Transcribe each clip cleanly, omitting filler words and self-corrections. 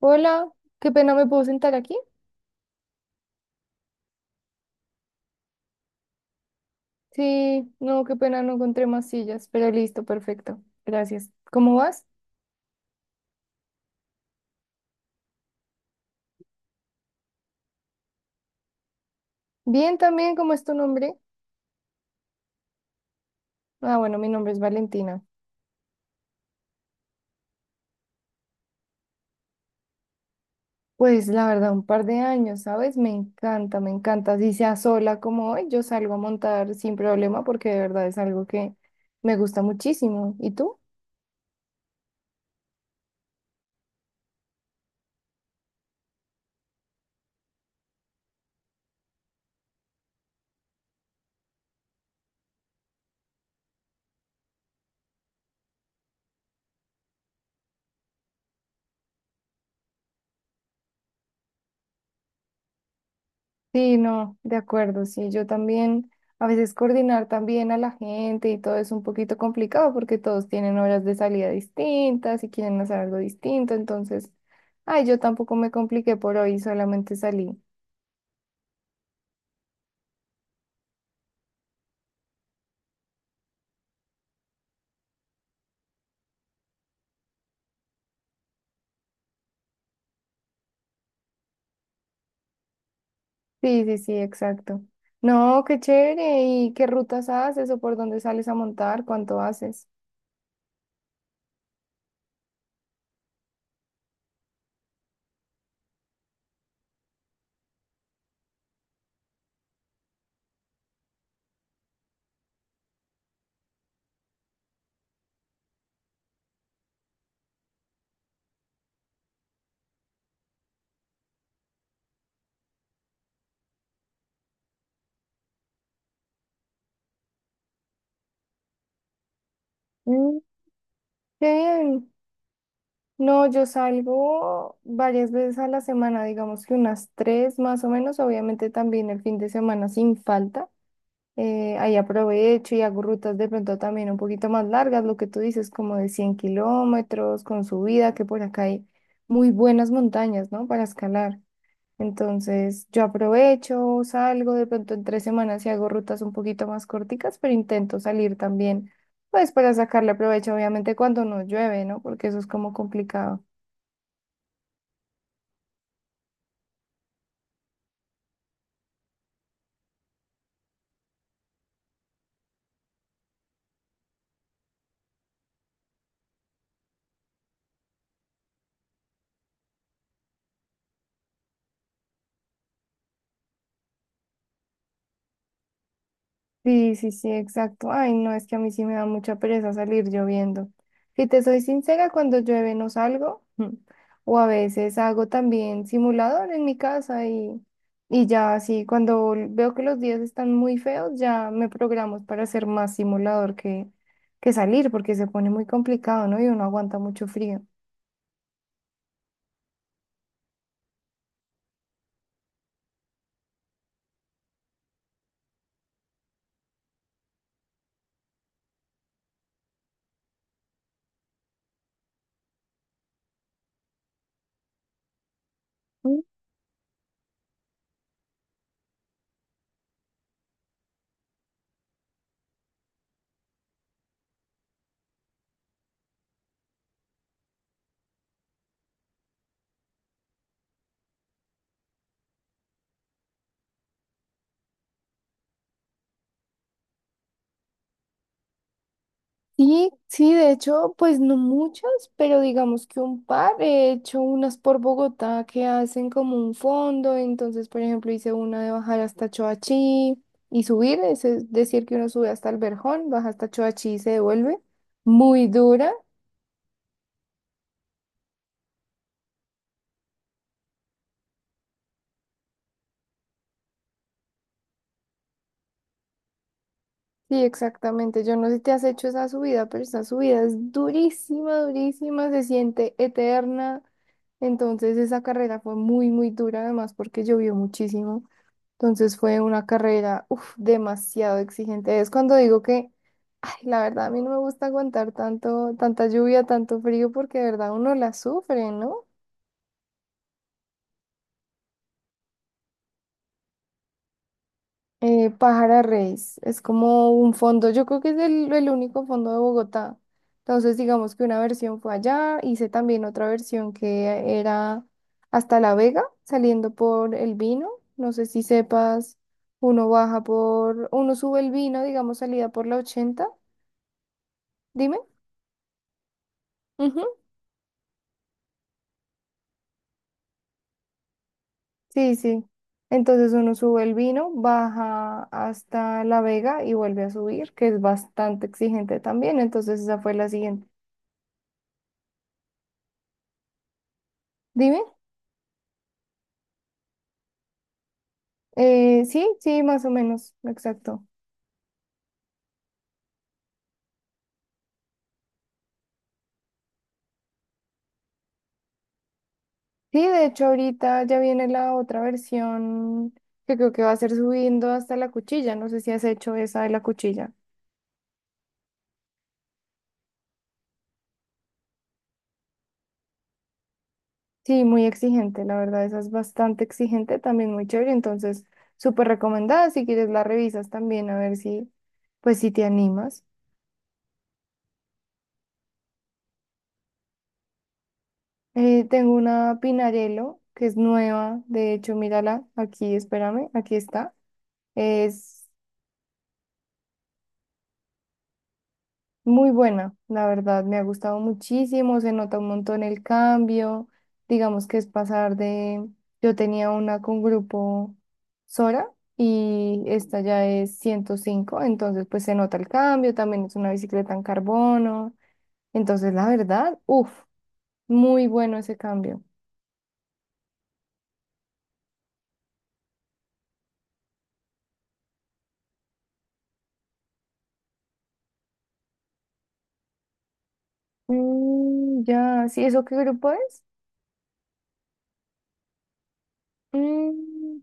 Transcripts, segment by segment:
Hola, qué pena, ¿me puedo sentar aquí? Sí, no, qué pena, no encontré más sillas, pero listo, perfecto, gracias. ¿Cómo vas? Bien también, ¿cómo es tu nombre? Ah, bueno, mi nombre es Valentina. Pues la verdad, un par de años, ¿sabes? Me encanta, me encanta. Si sea sola como hoy, yo salgo a montar sin problema porque de verdad es algo que me gusta muchísimo. ¿Y tú? Sí, no, de acuerdo, sí, yo también, a veces coordinar también a la gente y todo es un poquito complicado porque todos tienen horas de salida distintas y quieren hacer algo distinto, entonces, ay, yo tampoco me compliqué por hoy, solamente salí. Sí, sí, sí, exacto. No, qué chévere, ¿y qué rutas haces o por dónde sales a montar? ¿Cuánto haces? Mm, qué bien. No, yo salgo varias veces a la semana, digamos que unas tres más o menos, obviamente también el fin de semana sin falta. Ahí aprovecho y hago rutas de pronto también un poquito más largas, lo que tú dices, como de 100 kilómetros, con subida, que por acá hay muy buenas montañas, ¿no? Para escalar. Entonces, yo aprovecho, salgo de pronto en tres semanas y hago rutas un poquito más corticas, pero intento salir también, pues para sacarle provecho, obviamente cuando no llueve, ¿no? Porque eso es como complicado. Sí, sí, sí, exacto. Ay, no, es que a mí sí me da mucha pereza salir lloviendo. Si te soy sincera, cuando llueve no salgo. O a veces hago también simulador en mi casa y, ya así, cuando veo que los días están muy feos, ya me programo para hacer más simulador que salir, porque se pone muy complicado, ¿no? Y uno aguanta mucho frío. Sí, sí, de hecho, pues no muchas, pero digamos que un par. He hecho unas por Bogotá que hacen como un fondo, entonces, por ejemplo, hice una de bajar hasta Choachí y subir, es decir, que uno sube hasta el Verjón, baja hasta Choachí y se devuelve. Muy dura. Sí, exactamente. Yo no sé si te has hecho esa subida, pero esa subida es durísima, durísima, se siente eterna. Entonces, esa carrera fue muy, muy dura, además, porque llovió muchísimo. Entonces fue una carrera, uf, demasiado exigente. Es cuando digo que, ay, la verdad, a mí no me gusta aguantar tanto, tanta lluvia, tanto frío, porque de verdad uno la sufre, ¿no? Pájara Reis, es como un fondo, yo creo que es el único fondo de Bogotá. Entonces, digamos que una versión fue allá, hice también otra versión que era hasta La Vega, saliendo por el vino. No sé si sepas, uno baja por, uno sube el vino, digamos, salida por la 80. Dime. Ujú. Sí, sí. Entonces uno sube el vino, baja hasta La Vega y vuelve a subir, que es bastante exigente también. Entonces esa fue la siguiente. Dime. Sí, sí, más o menos, exacto. Sí, de hecho ahorita ya viene la otra versión que creo que va a ser subiendo hasta la cuchilla. No sé si has hecho esa de la cuchilla. Sí, muy exigente, la verdad, esa es bastante exigente, también muy chévere. Entonces, súper recomendada. Si quieres la revisas también a ver si, pues si te animas. Tengo una Pinarello que es nueva, de hecho, mírala, aquí, espérame, aquí está. Es muy buena, la verdad, me ha gustado muchísimo, se nota un montón el cambio, digamos que es pasar de, yo tenía una con grupo Sora y esta ya es 105, entonces pues se nota el cambio, también es una bicicleta en carbono, entonces la verdad, uff, muy bueno ese cambio. Mm, ya, ¿sí eso qué grupo es? Mm.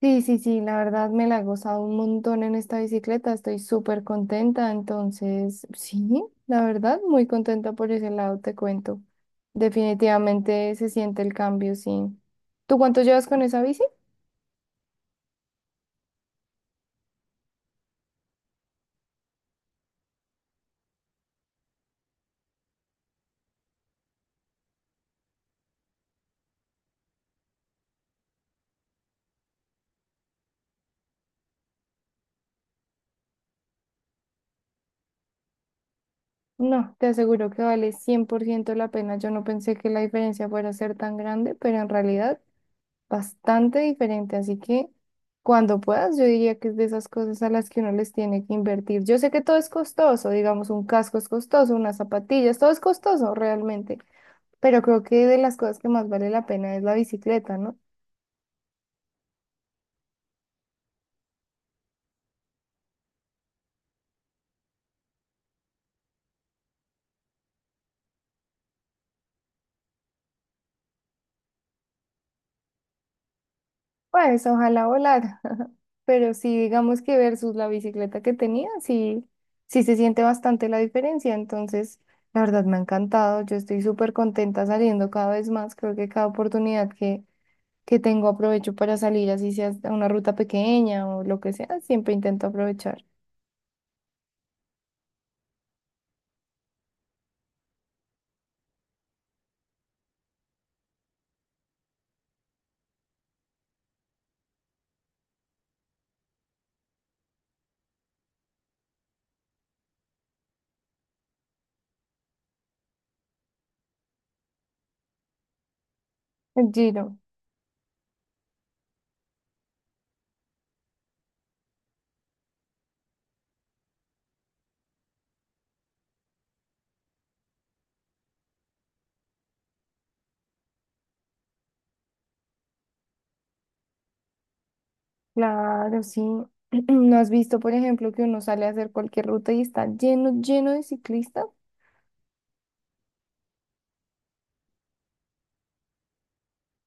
Sí, sí, sí, la verdad me la he gozado un montón en esta bicicleta, estoy súper contenta, entonces sí, la verdad muy contenta por ese lado, te cuento. Definitivamente se siente el cambio, sí. ¿Tú cuánto llevas con esa bici? No, te aseguro que vale 100% la pena. Yo no pensé que la diferencia fuera a ser tan grande, pero en realidad bastante diferente, así que cuando puedas, yo diría que es de esas cosas a las que uno les tiene que invertir. Yo sé que todo es costoso, digamos, un casco es costoso, unas zapatillas, todo es costoso realmente, pero creo que de las cosas que más vale la pena es la bicicleta, ¿no? Pues ojalá volara, pero sí, digamos que versus la bicicleta que tenía, sí, sí se siente bastante la diferencia, entonces... La verdad me ha encantado, yo estoy súper contenta saliendo cada vez más, creo que cada oportunidad que tengo aprovecho para salir, así sea a una ruta pequeña o lo que sea, siempre intento aprovechar. El Giro, claro, sí. ¿No has visto, por ejemplo, que uno sale a hacer cualquier ruta y está lleno, lleno de ciclistas?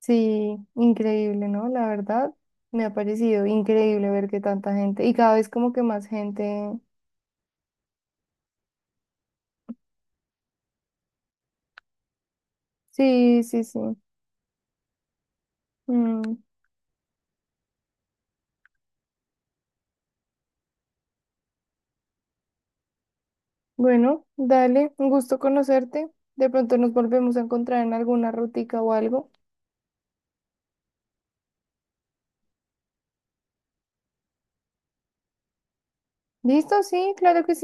Sí, increíble, ¿no? La verdad, me ha parecido increíble ver que tanta gente, y cada vez como que más gente. Sí, sí, sí. Mm. Bueno, dale, un gusto conocerte. De pronto nos volvemos a encontrar en alguna rutica o algo. ¿Listo? Sí, claro que sí.